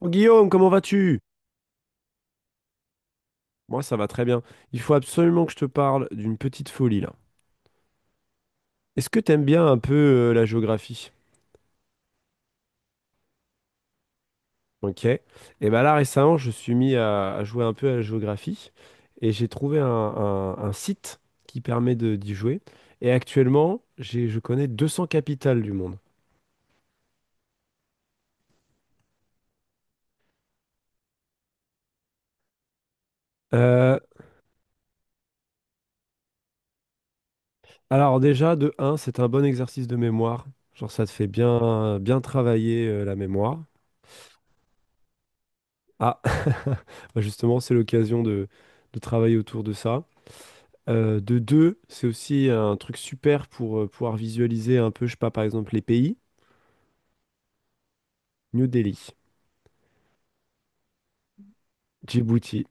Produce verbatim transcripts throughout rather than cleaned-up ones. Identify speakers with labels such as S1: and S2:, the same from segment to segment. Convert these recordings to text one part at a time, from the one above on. S1: Oh, Guillaume, comment vas-tu? Moi, ça va très bien. Il faut absolument que je te parle d'une petite folie là. Est-ce que t'aimes bien un peu euh, la géographie? Ok. Et ben là, récemment, je suis mis à, à jouer un peu à la géographie et j'ai trouvé un, un- un site qui permet de d'y jouer. Et actuellement, j'ai, je connais deux cents capitales du monde. Euh, alors déjà, de un, c'est un bon exercice de mémoire. Genre, ça te fait bien, bien travailler euh, la mémoire. Ah, Bah, justement, c'est l'occasion de de travailler autour de ça. Euh, de deux, c'est aussi un truc super pour euh, pouvoir visualiser un peu, je sais pas, par exemple, les pays. New Delhi, Djibouti.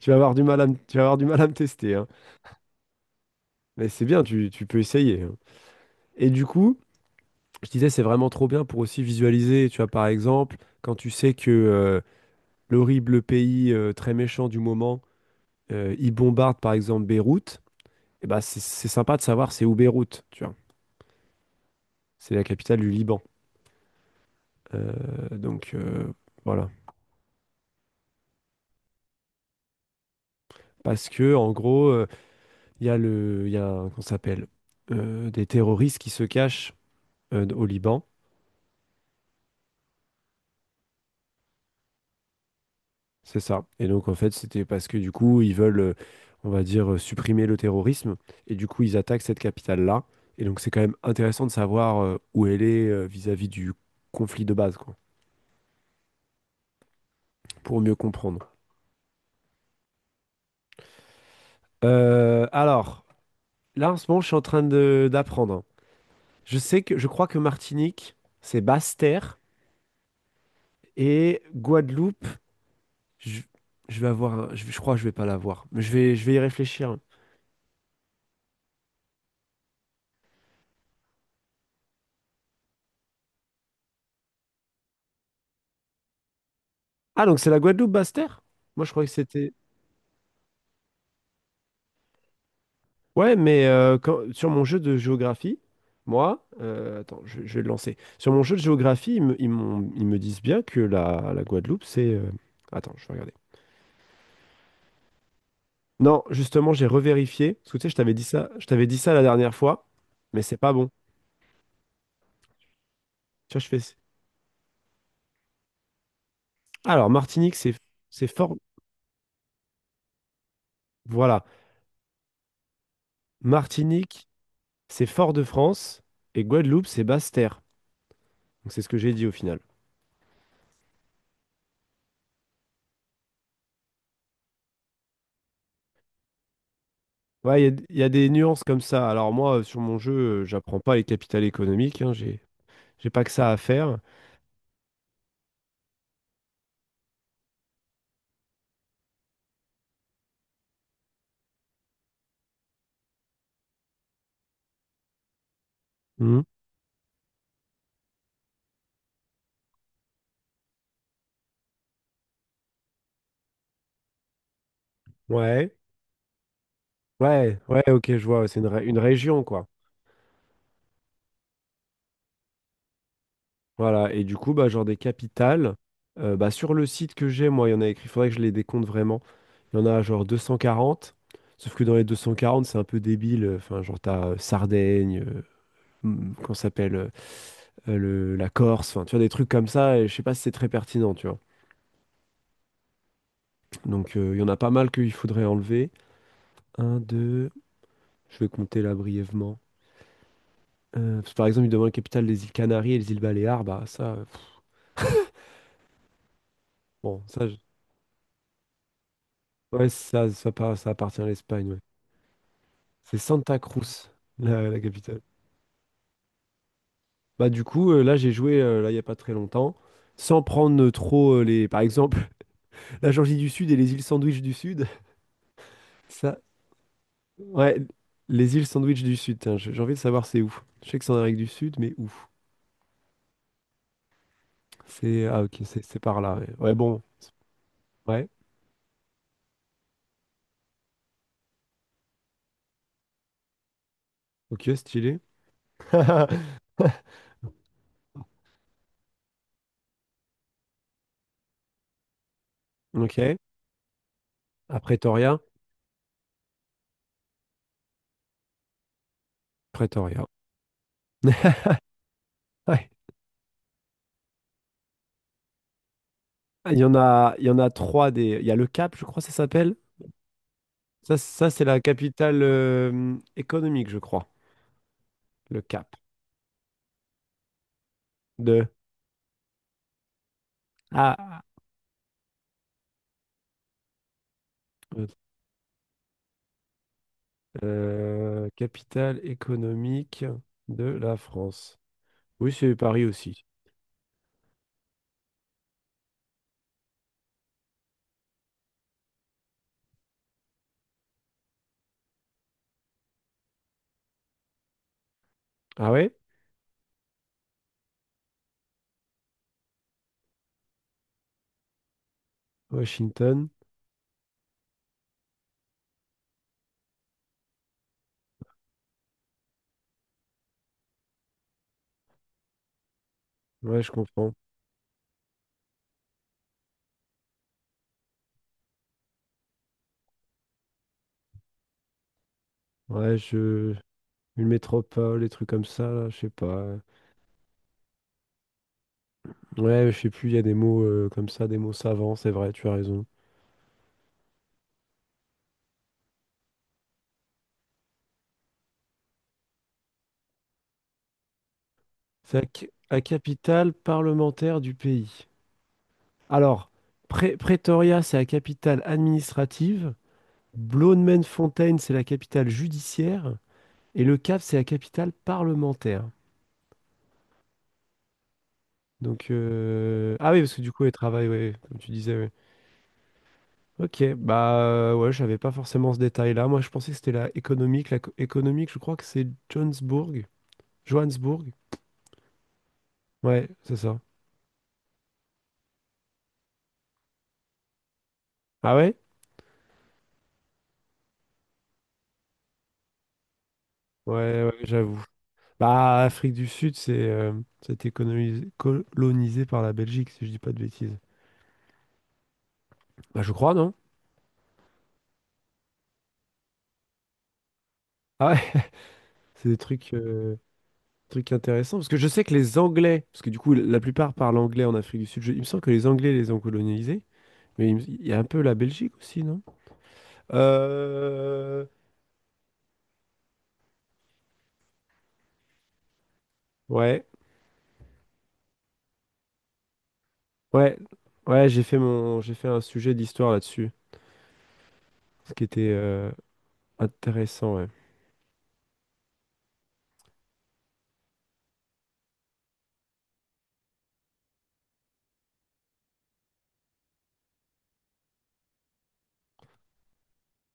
S1: Tu vas avoir du mal à me, tu vas avoir du mal à me tester, hein. Mais c'est bien, tu, tu peux essayer, hein. Et du coup, je disais, c'est vraiment trop bien pour aussi visualiser, tu vois, par exemple, quand tu sais que euh, l'horrible pays euh, très méchant du moment, euh, il bombarde, par exemple, Beyrouth, et bah, c'est c'est sympa de savoir c'est où Beyrouth, tu vois. C'est la capitale du Liban. Euh, donc, euh, voilà. Parce que, en gros… euh, Il y a le, il y a un- qu'on s'appelle euh, des terroristes qui se cachent euh, au Liban, c'est ça. Et donc en fait, c'était parce que du coup, ils veulent, euh, on va dire, euh, supprimer le terrorisme, et du coup, ils attaquent cette capitale-là. Et donc c'est quand même intéressant de savoir euh, où elle est euh, vis-à-vis du conflit de base, quoi, pour mieux comprendre. Euh, alors, là en ce moment, je suis en train de d'apprendre. Je sais que, je crois que Martinique, c'est Basse-Terre, et Guadeloupe, Je, je vais avoir un- Je, je crois que je vais pas l'avoir. Mais je vais, je vais y réfléchir. Ah, donc c'est la Guadeloupe Basse-Terre? Moi, je croyais que c'était. Ouais, mais euh, quand- sur mon jeu de géographie, moi, euh, attends, je, je vais le lancer. Sur mon jeu de géographie, ils me, ils m'ont- ils me disent bien que la, la Guadeloupe, c'est. euh, Attends, je vais regarder. Non, justement, j'ai revérifié. Parce que tu sais, je t'avais dit ça, je t'avais dit ça la dernière fois, mais c'est pas bon. Tu vois, je fais. Alors, Martinique, c'est c'est fort. Voilà. Martinique, c'est Fort-de-France. Et Guadeloupe, c'est Basse-Terre. Donc, c'est ce que j'ai dit au final. Ouais, il y, a il y a des nuances comme ça. Alors moi, euh, sur mon jeu, euh, j'apprends pas les capitales économiques, hein, j'ai, j'ai pas que ça à faire. Mhm. Ouais, ouais, ouais, ok, je vois. Ouais, c'est une, ré- une région, quoi. Voilà, et du coup, bah, genre des capitales, euh, bah, sur le site que j'ai, moi, il y en a écrit, il faudrait que je les décompte vraiment. Il y en a genre deux cent quarante, sauf que dans les deux cent quarante, c'est un peu débile. euh, Enfin, genre, t'as euh, Sardaigne, euh, hmm, qu'on s'appelle euh, euh, le, la Corse, enfin, tu vois, des trucs comme ça, et je sais pas si c'est très pertinent, tu vois. Donc euh, il y en a pas mal qu'il faudrait enlever. Un, deux, je vais compter là brièvement. Euh, parce que par exemple, il demande la capitale des îles Canaries et les îles Baléares. Bah ça, euh, pff, bon, ça, je- ouais, ça, ça, par- ça appartient à l'Espagne, ouais. C'est Santa Cruz, la, la capitale. Bah du coup, euh, là j'ai joué euh, là il y a pas très longtemps, sans prendre euh, trop euh, les, par exemple, la Georgie du Sud et les îles Sandwich du Sud. Ça, ouais, les îles Sandwich du Sud. Tiens, j'ai j'ai envie de savoir c'est où. Je sais que c'est en Amérique du Sud, mais où? C'est ah ok, c'est c'est par là. Ouais, ouais, bon, ouais. Ok, stylé. Ok. À Pretoria. Pretoria. Ouais. Il y en a, il y en a trois des. Il y a le Cap, je crois, ça s'appelle. Ça, ça c'est la capitale euh, économique, je crois. Le Cap. De. Ah. Euh, capitale économique de la France. Oui, c'est Paris aussi. Ah ouais? Washington. Ouais, je comprends. Ouais, je. Une métropole, des trucs comme ça, là, je sais pas. Ouais, je sais plus, il y a des mots euh, comme ça, des mots savants, c'est vrai, tu as raison. C'est la c- à capitale parlementaire du pays. Alors, Pré- Pretoria, c'est la capitale administrative. Bloemfontein, c'est la capitale judiciaire. Et Le Cap, c'est la capitale parlementaire. Donc, euh, ah oui, parce que du coup, elle travaille, ouais, comme tu disais, ouais. Ok, bah euh, ouais, j'avais pas forcément ce détail-là. Moi, je pensais que c'était la économique. La co- économique, je crois que c'est Johannesburg. Johannesburg. Ouais, c'est ça. Ah ouais? Ouais, ouais, j'avoue. Bah, Afrique du Sud, c'est euh, c'était colonisé, colonisé par la Belgique, si je dis pas de bêtises. Bah, je crois, non? Ah ouais, c'est des trucs, euh, trucs intéressants. Parce que je sais que les Anglais, parce que du coup, la plupart parlent anglais en Afrique du Sud. Je- il me semble que les Anglais les ont colonisés, mais il, me- il y a un peu la Belgique aussi, non? Euh, ouais, ouais, ouais, j'ai fait mon, j'ai fait un sujet d'histoire là-dessus, ce qui était euh, intéressant, ouais.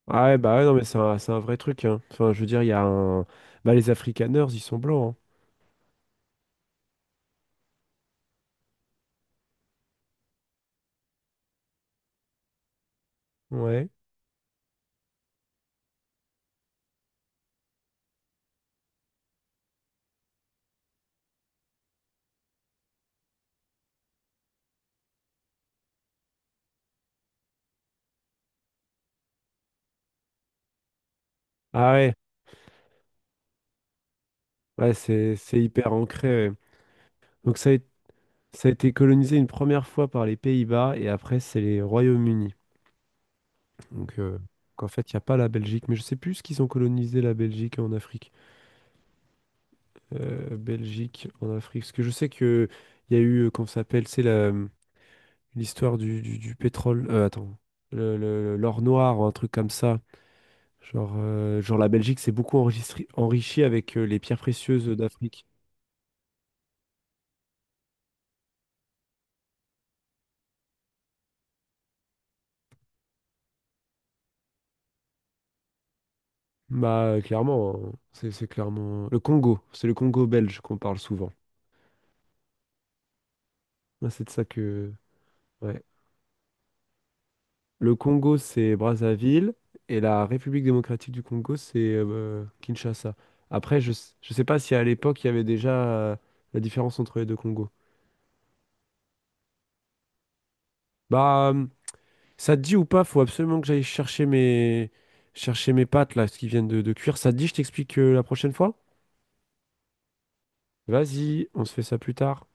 S1: Ah ouais, bah ouais, non, mais c'est un, c'est un vrai truc, hein. Enfin, je veux dire, il y a un… Bah, les Afrikaners, ils sont blancs, hein. Ouais. Ah ouais, ouais, c'est, c'est hyper ancré, ouais. Donc, ça a, ça a été colonisé une première fois par les Pays-Bas, et après, c'est les Royaumes-Unis. Donc, euh, donc, en fait, il n'y a pas la Belgique, mais je sais plus ce qu'ils ont colonisé la Belgique en Afrique. Euh, Belgique en Afrique. Parce que je sais que il y a eu, euh, comment ça s'appelle, c'est la, l'histoire du, du, du pétrole… euh, attends, le, le- l'or noir, ou un truc comme ça. Genre, euh, genre la Belgique s'est beaucoup enregistri- enrichie avec euh, les pierres précieuses d'Afrique. Bah, euh, clairement, hein. C'est c'est clairement… Le Congo, c'est le Congo belge qu'on parle souvent. Moi, c'est de ça que… Ouais. Le Congo, c'est Brazzaville, et la République démocratique du Congo, c'est euh, Kinshasa. Après, je, s- je sais pas si à l'époque, il y avait déjà euh, la différence entre les deux Congos. Bah, euh, ça te dit ou pas, faut absolument que j'aille chercher mes… chercher mes pâtes, là, ce qui viennent de, de cuire. Ça te dit, je t'explique euh, la prochaine fois? Vas-y, on se fait ça plus tard.